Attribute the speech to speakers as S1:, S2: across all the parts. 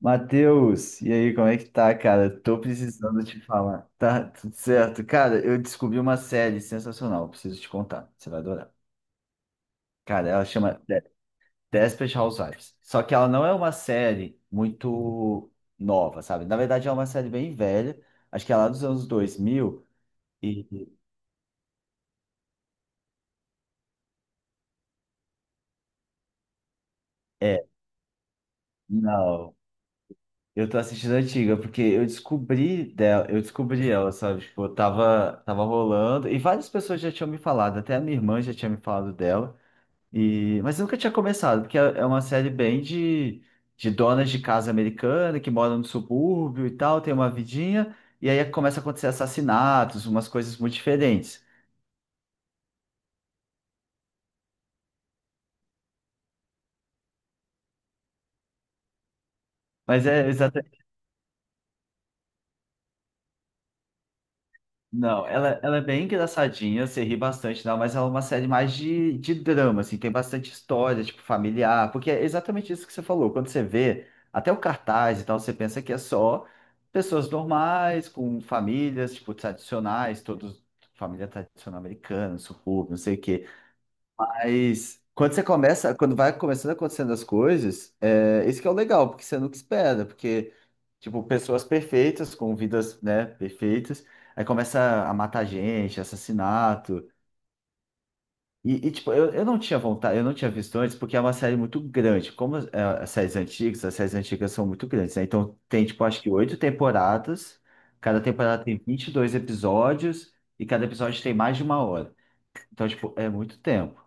S1: Matheus, e aí, como é que tá, cara? Tô precisando te falar. Tá tudo certo? Cara, eu descobri uma série sensacional, preciso te contar, você vai adorar. Cara, Desperate Housewives. Só que ela não é uma série muito nova, sabe? Na verdade, é uma série bem velha, acho que é lá dos anos 2000. e é, não, eu tô assistindo a antiga porque eu descobri ela, sabe? Tipo, eu tava rolando e várias pessoas já tinham me falado, até a minha irmã já tinha me falado dela. E, mas eu nunca tinha começado, porque é uma série bem de donas de casa americana que moram no subúrbio e tal, tem uma vidinha, e aí começa a acontecer assassinatos, umas coisas muito diferentes. Mas é Não, ela é bem engraçadinha, você ri bastante, não, mas ela é uma série mais de drama, assim, tem bastante história, tipo, familiar, porque é exatamente isso que você falou. Quando você vê até o cartaz e tal, você pensa que é só pessoas normais, com famílias, tipo, tradicionais, todos, família tradicional americana, subúrbio, não sei o quê. Mas quando você começa, quando vai começando acontecendo as coisas, é, esse que é o legal, porque você nunca espera, porque, tipo, pessoas perfeitas, com vidas, né, perfeitas, aí começa a matar gente, assassinato. E, tipo, eu não tinha vontade, eu não tinha visto antes, porque é uma série muito grande. As séries antigas são muito grandes, né? Então tem, tipo, acho que oito temporadas, cada temporada tem 22 episódios, e cada episódio tem mais de uma hora. Então, tipo, é muito tempo.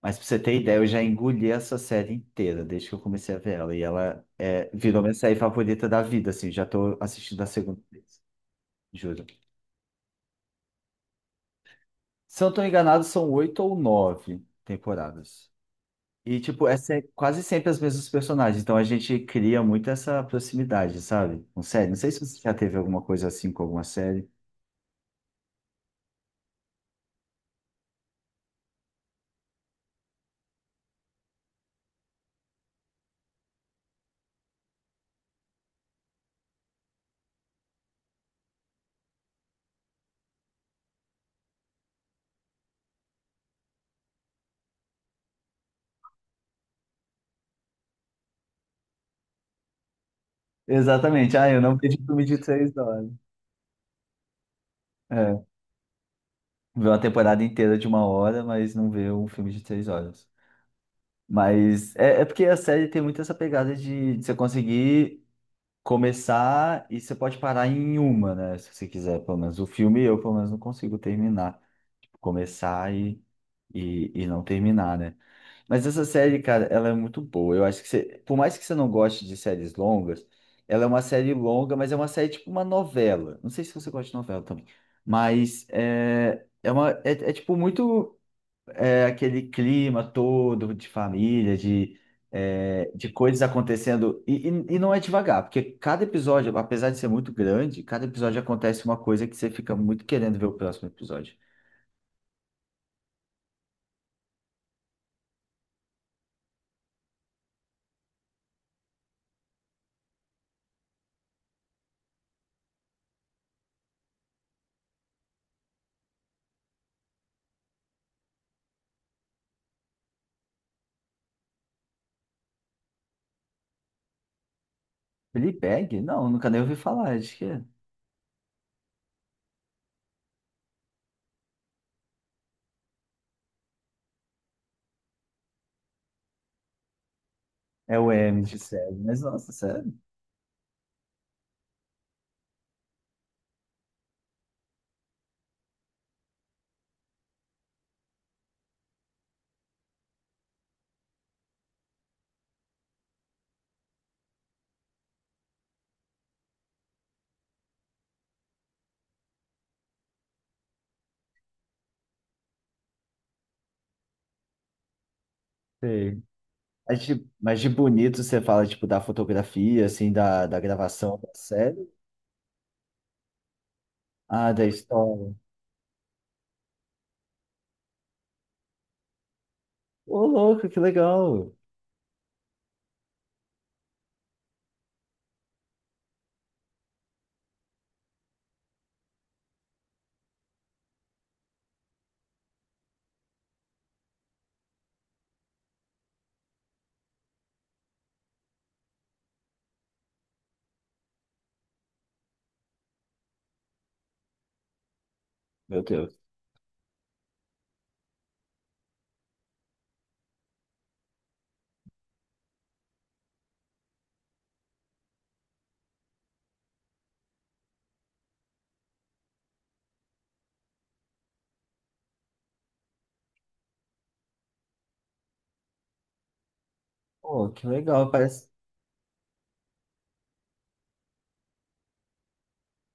S1: Mas pra você ter ideia, eu já engoli essa série inteira desde que eu comecei a ver ela. E ela é, virou minha série favorita da vida, assim. Já tô assistindo a segunda vez, juro. Se eu não tô enganado, são oito ou nove temporadas. E, tipo, quase sempre as mesmas personagens. Então a gente cria muito essa proximidade, sabe? Com série. Não sei se você já teve alguma coisa assim com alguma série. Exatamente. Ah, eu não vejo filme de 3 horas. É. Vê uma temporada inteira de uma hora, mas não vê um filme de 3 horas. Mas é, é porque a série tem muito essa pegada de você conseguir começar e você pode parar em uma, né? Se você quiser, pelo menos. O filme eu, pelo menos, não consigo terminar. Tipo, começar e, e não terminar, né? Mas essa série, cara, ela é muito boa. Eu acho que você, por mais que você não goste de séries longas, ela é uma série longa, mas é uma série tipo uma novela. Não sei se você gosta de novela também, mas tipo muito aquele clima todo de família, de, é, de coisas acontecendo. E não é devagar, porque cada episódio, apesar de ser muito grande, cada episódio acontece uma coisa que você fica muito querendo ver o próximo episódio. Fleabag? Não, nunca nem ouvi falar. Acho que é o M de série. Mas, nossa, sério? Sei. Mas de bonito você fala, tipo, da fotografia, assim, da gravação da série. Ah, da história. Ô, louco, que legal. Meu Deus. Pô, que legal. Parece.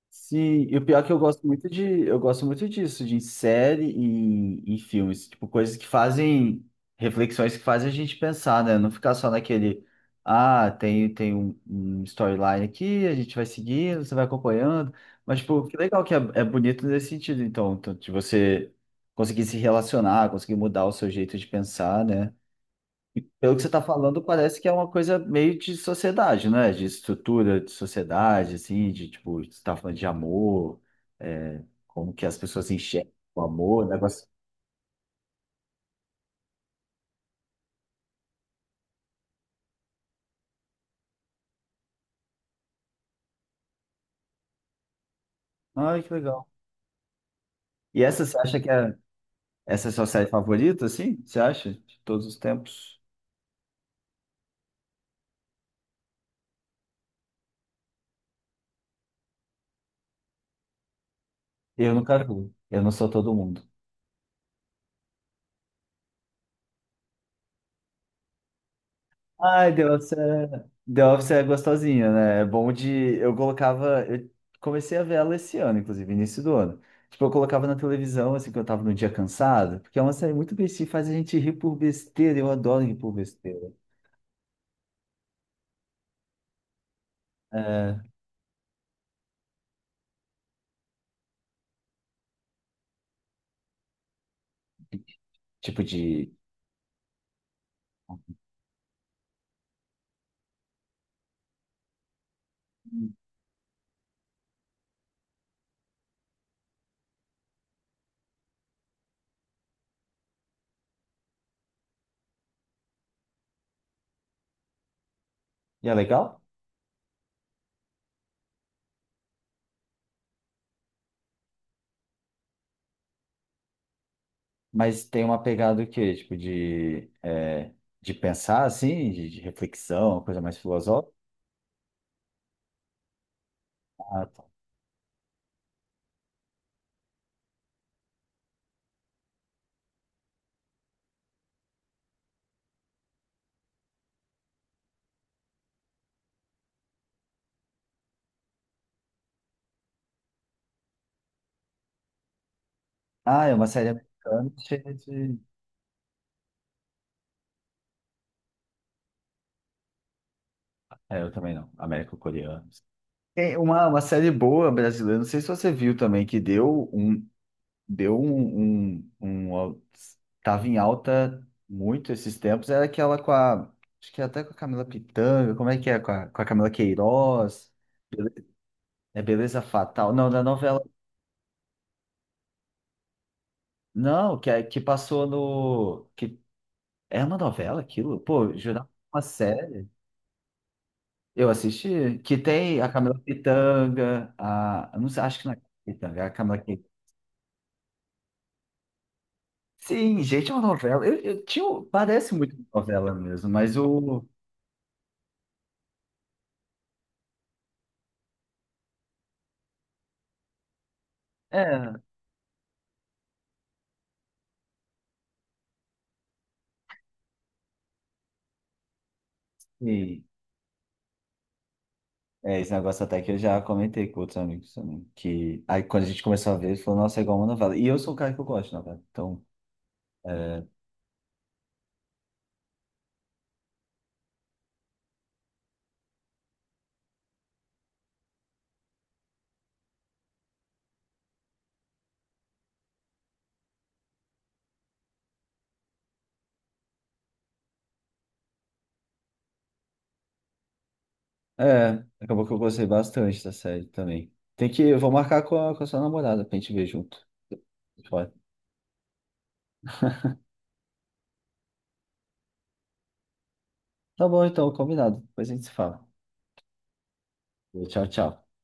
S1: Sim, e o pior é que eu gosto muito de, eu gosto muito disso, de série e filmes, tipo, coisas que fazem, reflexões que fazem a gente pensar, né? Não ficar só naquele, ah, tem um storyline aqui, a gente vai seguindo, você vai acompanhando, mas, tipo, que legal que é, é bonito nesse sentido, então, tanto de você conseguir se relacionar, conseguir mudar o seu jeito de pensar, né? Pelo que você está falando, parece que é uma coisa meio de sociedade, né? De estrutura de sociedade, assim, de tipo, você está falando de amor, é, como que as pessoas enxergam o amor, o negócio. Ai, que legal. E essa você acha que é Essa é a sua série favorita, assim? Você acha? De todos os tempos? Eu nunca vi. Eu não sou todo mundo. Ai, The Office é gostosinha, né? É bom de. Eu colocava. Eu comecei a ver ela esse ano, inclusive, início do ano. Tipo, eu colocava na televisão, assim, quando eu tava num dia cansado, porque é uma série muito bestinha, faz a gente rir por besteira. Eu adoro rir por besteira. É, tipo de. E é legal, mas tem uma pegada o quê? Tipo de. É, de pensar, assim, de reflexão, uma coisa mais filosófica. Ah, tá. Ah, é uma série americana cheia de. É, eu também não. Américo-coreano. Tem uma série boa brasileira, não sei se você viu também, que deu um, um, um al- tava em alta muito esses tempos, era aquela com a, acho que é até com a Camila Pitanga, como é que é, com a Camila Queiroz. Bele- É Beleza Fatal, não, da novela, não, que, que passou no, que é uma novela aquilo, pô, jurava que era uma série, eu assisti, que tem a Camila Pitanga, eu não sei, acho que não é a Camila Pitanga, é a Camila Queiroz. Sim, gente, é uma novela. Eu tinha, parece muito uma novela mesmo, mas o. É, sim. É, esse negócio até que eu já comentei com outros amigos também. Que aí quando a gente começou a ver, ele falou, nossa, é igual uma novela. E eu sou o cara que eu gosto de novela. Então, é, acabou que eu gostei bastante da série também. Eu vou marcar com a sua namorada pra gente ver junto. Pode. Tá bom, então, combinado. Depois a gente se fala. Tchau, tchau.